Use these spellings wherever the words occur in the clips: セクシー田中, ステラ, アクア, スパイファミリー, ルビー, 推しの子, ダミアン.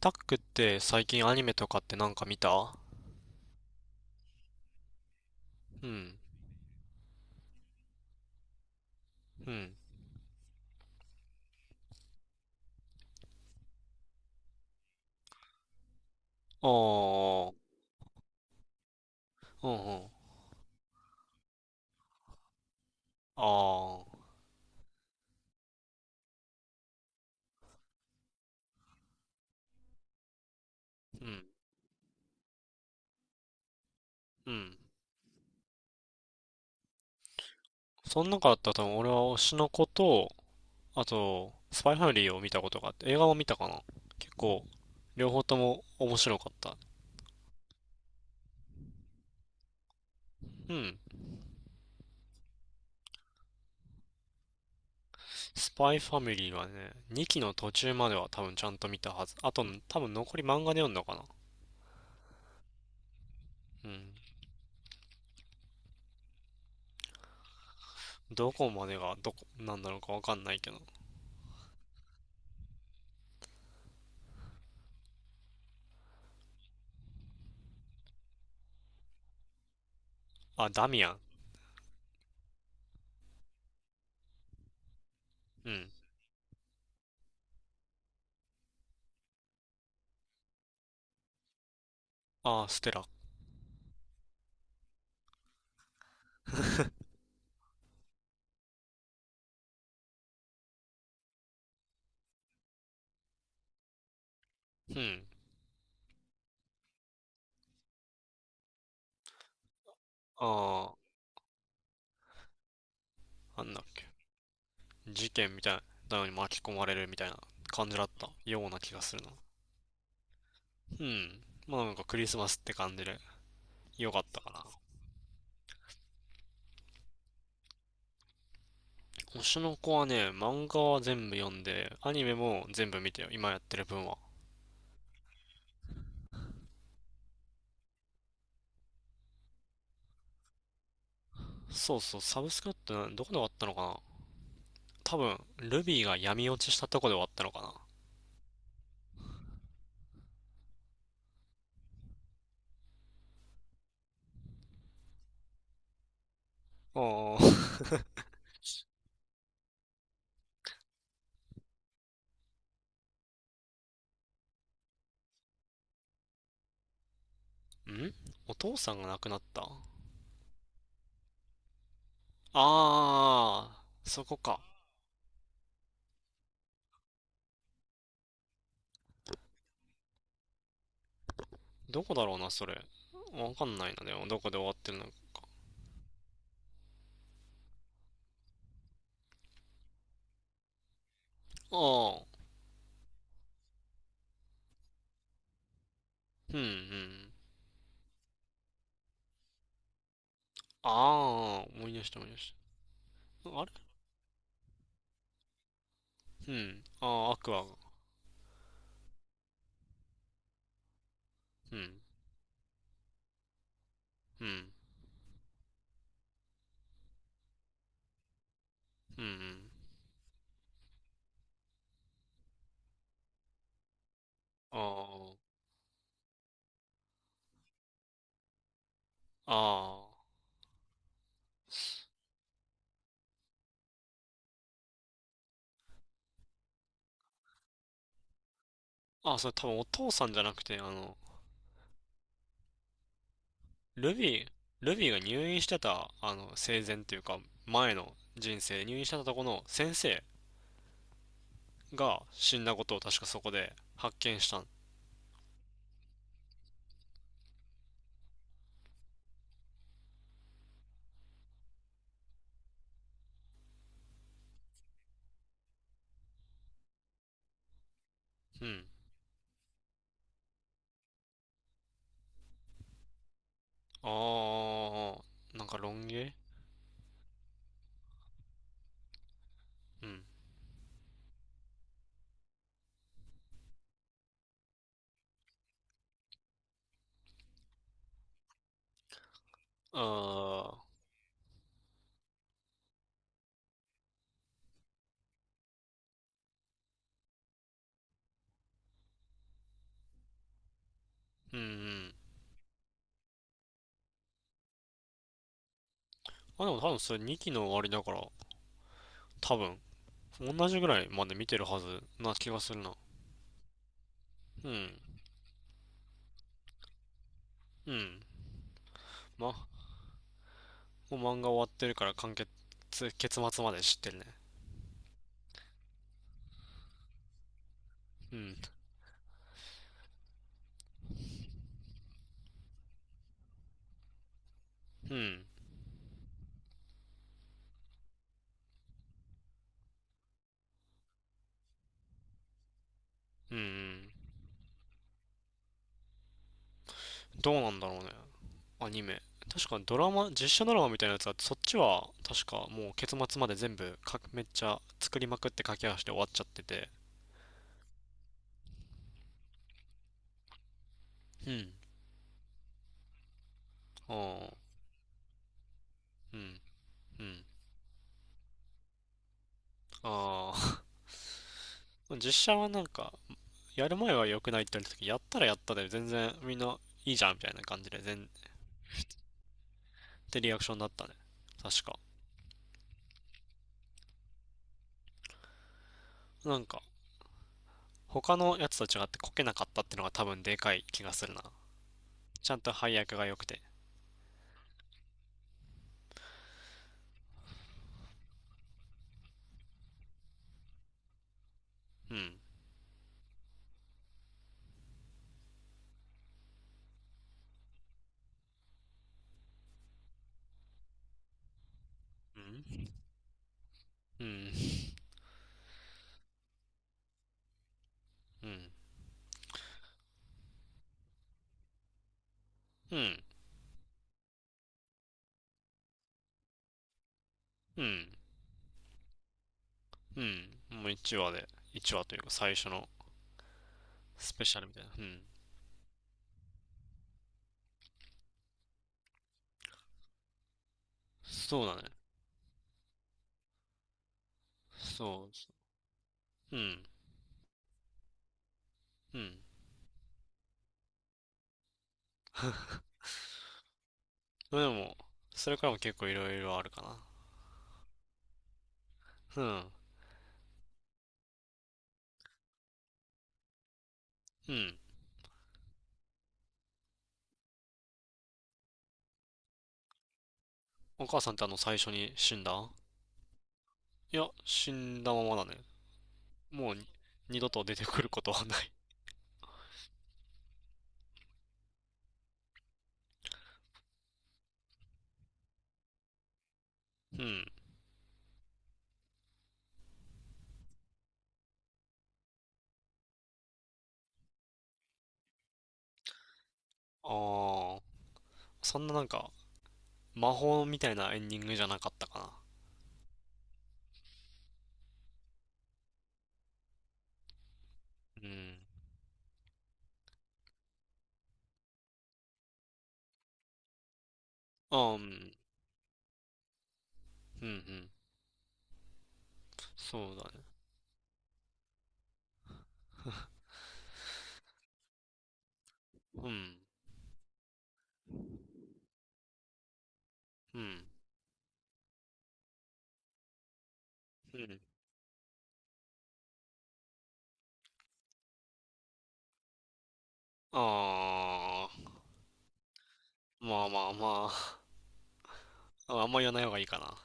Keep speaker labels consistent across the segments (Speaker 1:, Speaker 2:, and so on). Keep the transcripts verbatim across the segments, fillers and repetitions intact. Speaker 1: タックって最近アニメとかってなんか見た？うん。うん。ああ。うんうん。ああ。うん。うん。その中だったら多分俺は推しの子と、あと、スパイファミリーを見たことがあって、映画も見たかな。結構、両方とも面白かった。うん。スパイファミリーはね、にきの途中までは多分ちゃんと見たはず。あと、多分残り漫画で読んだかな。うん。どこまでがどこ、なんだろうかわかんないけど。あ、ダミアン。うん。あー、ステラ。うん。ああ、なんだっけ。事件みたいなのに巻き込まれるみたいな感じだったような気がするな。うん。まあなんかクリスマスって感じで良かったかな。推しの子はね、漫画は全部読んで、アニメも全部見てよ。今やってる分は。そうそう、サブスクってどこで終わったのかな？多分、ルビーが闇落ちしたとこで終わったのかな。ああ。ん、お父さんが亡くなった？ああ、そこか。どこだろうな、それ。わかんないな、でも、どこで終わってるのか。ああ、うんうん。ああ、思い出した思い出した。あれ、うん。ああ、アクアが。うん。うん。うんうん。ああ。ああ。あ、それ多分お父さんじゃなくて、あの、ルビー、ルビーが入院してた、あの、生前っていうか、前の人生、入院してたとこの先生が死んだことを確かそこで発見したん。うん。ああ、なんかロン毛？うん。ああ、うんうん。あ、でも多分それにきの終わりだから、多分、同じぐらいまで見てるはずな気がするな。うん。うん。ま、もう漫画終わってるから完結、結末まで知ってるね。うん。うん。うんうん。どうなんだろうね。アニメ。確かドラマ、実写ドラマみたいなやつは、そっちは確かもう結末まで全部か、めっちゃ作りまくって駆け足で終わっちゃってて。うん。ああ。うん。うん。ああ。実写はなんか、やる前は良くないって言われた時、やったらやったで全然みんないいじゃんみたいな感じで全ってリアクションだったね。確か。なんか、他のやつと違ってこけなかったってのが多分でかい気がするな。ちゃんと配役が良くて。うん。うんうん。うん。うん。うん。うん。もういちわで、いちわというか最初のスペシャルみたいな。うん。そうだね。そう。うん。うん。でも、それからも結構いろいろあるかな。うん。うん。お母さんってあの最初に死んだ？いや、死んだままだね。もうに、二度と出てくることはない。うん。ああ、そんななんか、魔法みたいなエンディングじゃなかったかな。うん。ああ、うん。うんうん。そうだね。うん。うん。うん。ああ、まあまあまあ。ああんま言わない方がいいかな。ま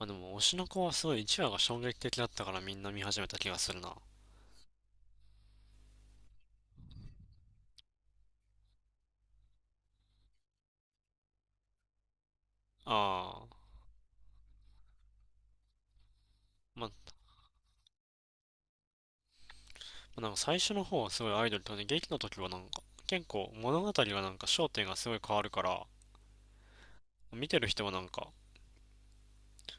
Speaker 1: あでも、推しの子はすごいいちわが衝撃的だったからみんな見始めた気がするな。ああ。まあ、まあなんか最初の方はすごいアイドルとね、劇の時はなんか、結構物語がなんか焦点がすごい変わるから、見てる人はなんか、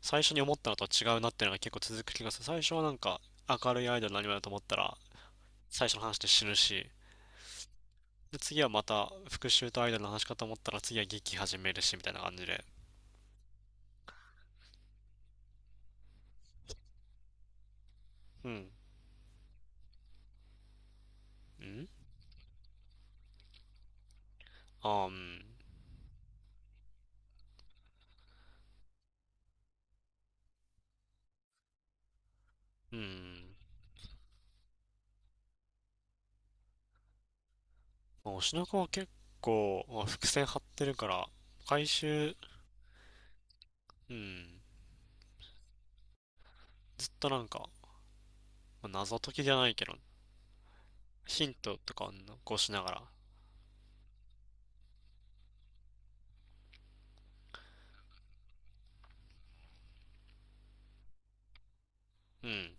Speaker 1: 最初に思ったのとは違うなっていうのが結構続く気がする。最初はなんか明るいアイドル何アニだと思ったら最初の話で死ぬし、で次はまた復讐とアイドルの話かと思ったら次は劇始めるしみたいな感じで。うん。ん、あーうん。うん。まあ、推しの子は結構、まあ、伏線張ってるから、回収、うん。ずっとなんか、まあ謎解きじゃないけど、ヒントとかを残しながら、うん。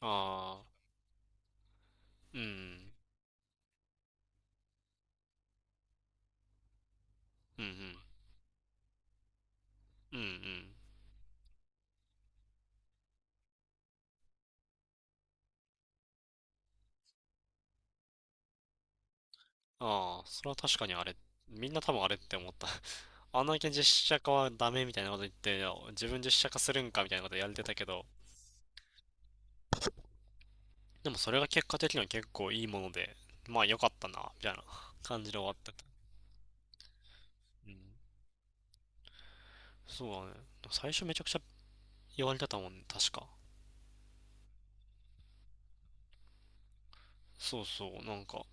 Speaker 1: ああ、うん。うんうん。うんうん。ああ、それは確かにあれ、みんな多分あれって思った。あんだけ実写化はダメみたいなこと言って、いや自分実写化するんかみたいなことやれてたけど、でもそれが結果的には結構いいもので、まあ良かったな、みたいな感じで終わってた。うん。そうだね。最初めちゃくちゃ言われてたもんね、確か。そうそう、なんか、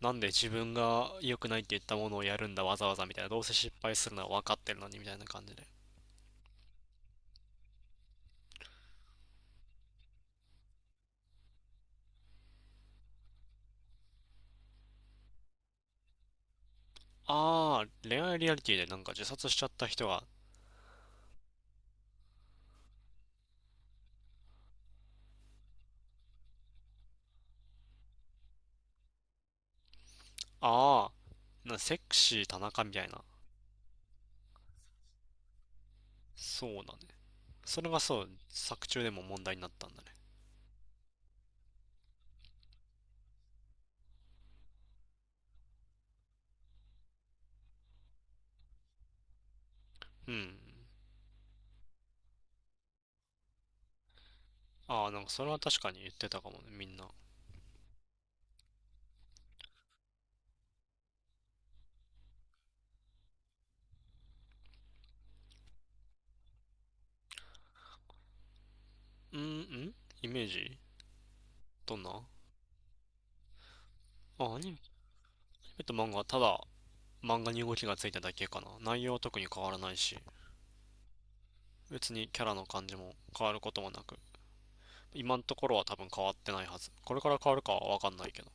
Speaker 1: なんで自分が良くないって言ったものをやるんだ、わざわざみたいな、どうせ失敗するのは分かってるのにみたいな感じで。ああ、恋愛リアリティでなんか自殺しちゃった人が、ああ、なんかセクシー田中みたいな。そうだね。それがそう、作中でも問題になったんだね。うん。ああ、なんかそれは確かに言ってたかもね、みんな。うんうん。イメージどんな？あ、アニメと漫画はただ漫画に動きがついただけかな。内容は特に変わらないし、別にキャラの感じも変わることもなく、今のところは多分変わってないはず。これから変わるかはわかんないけど。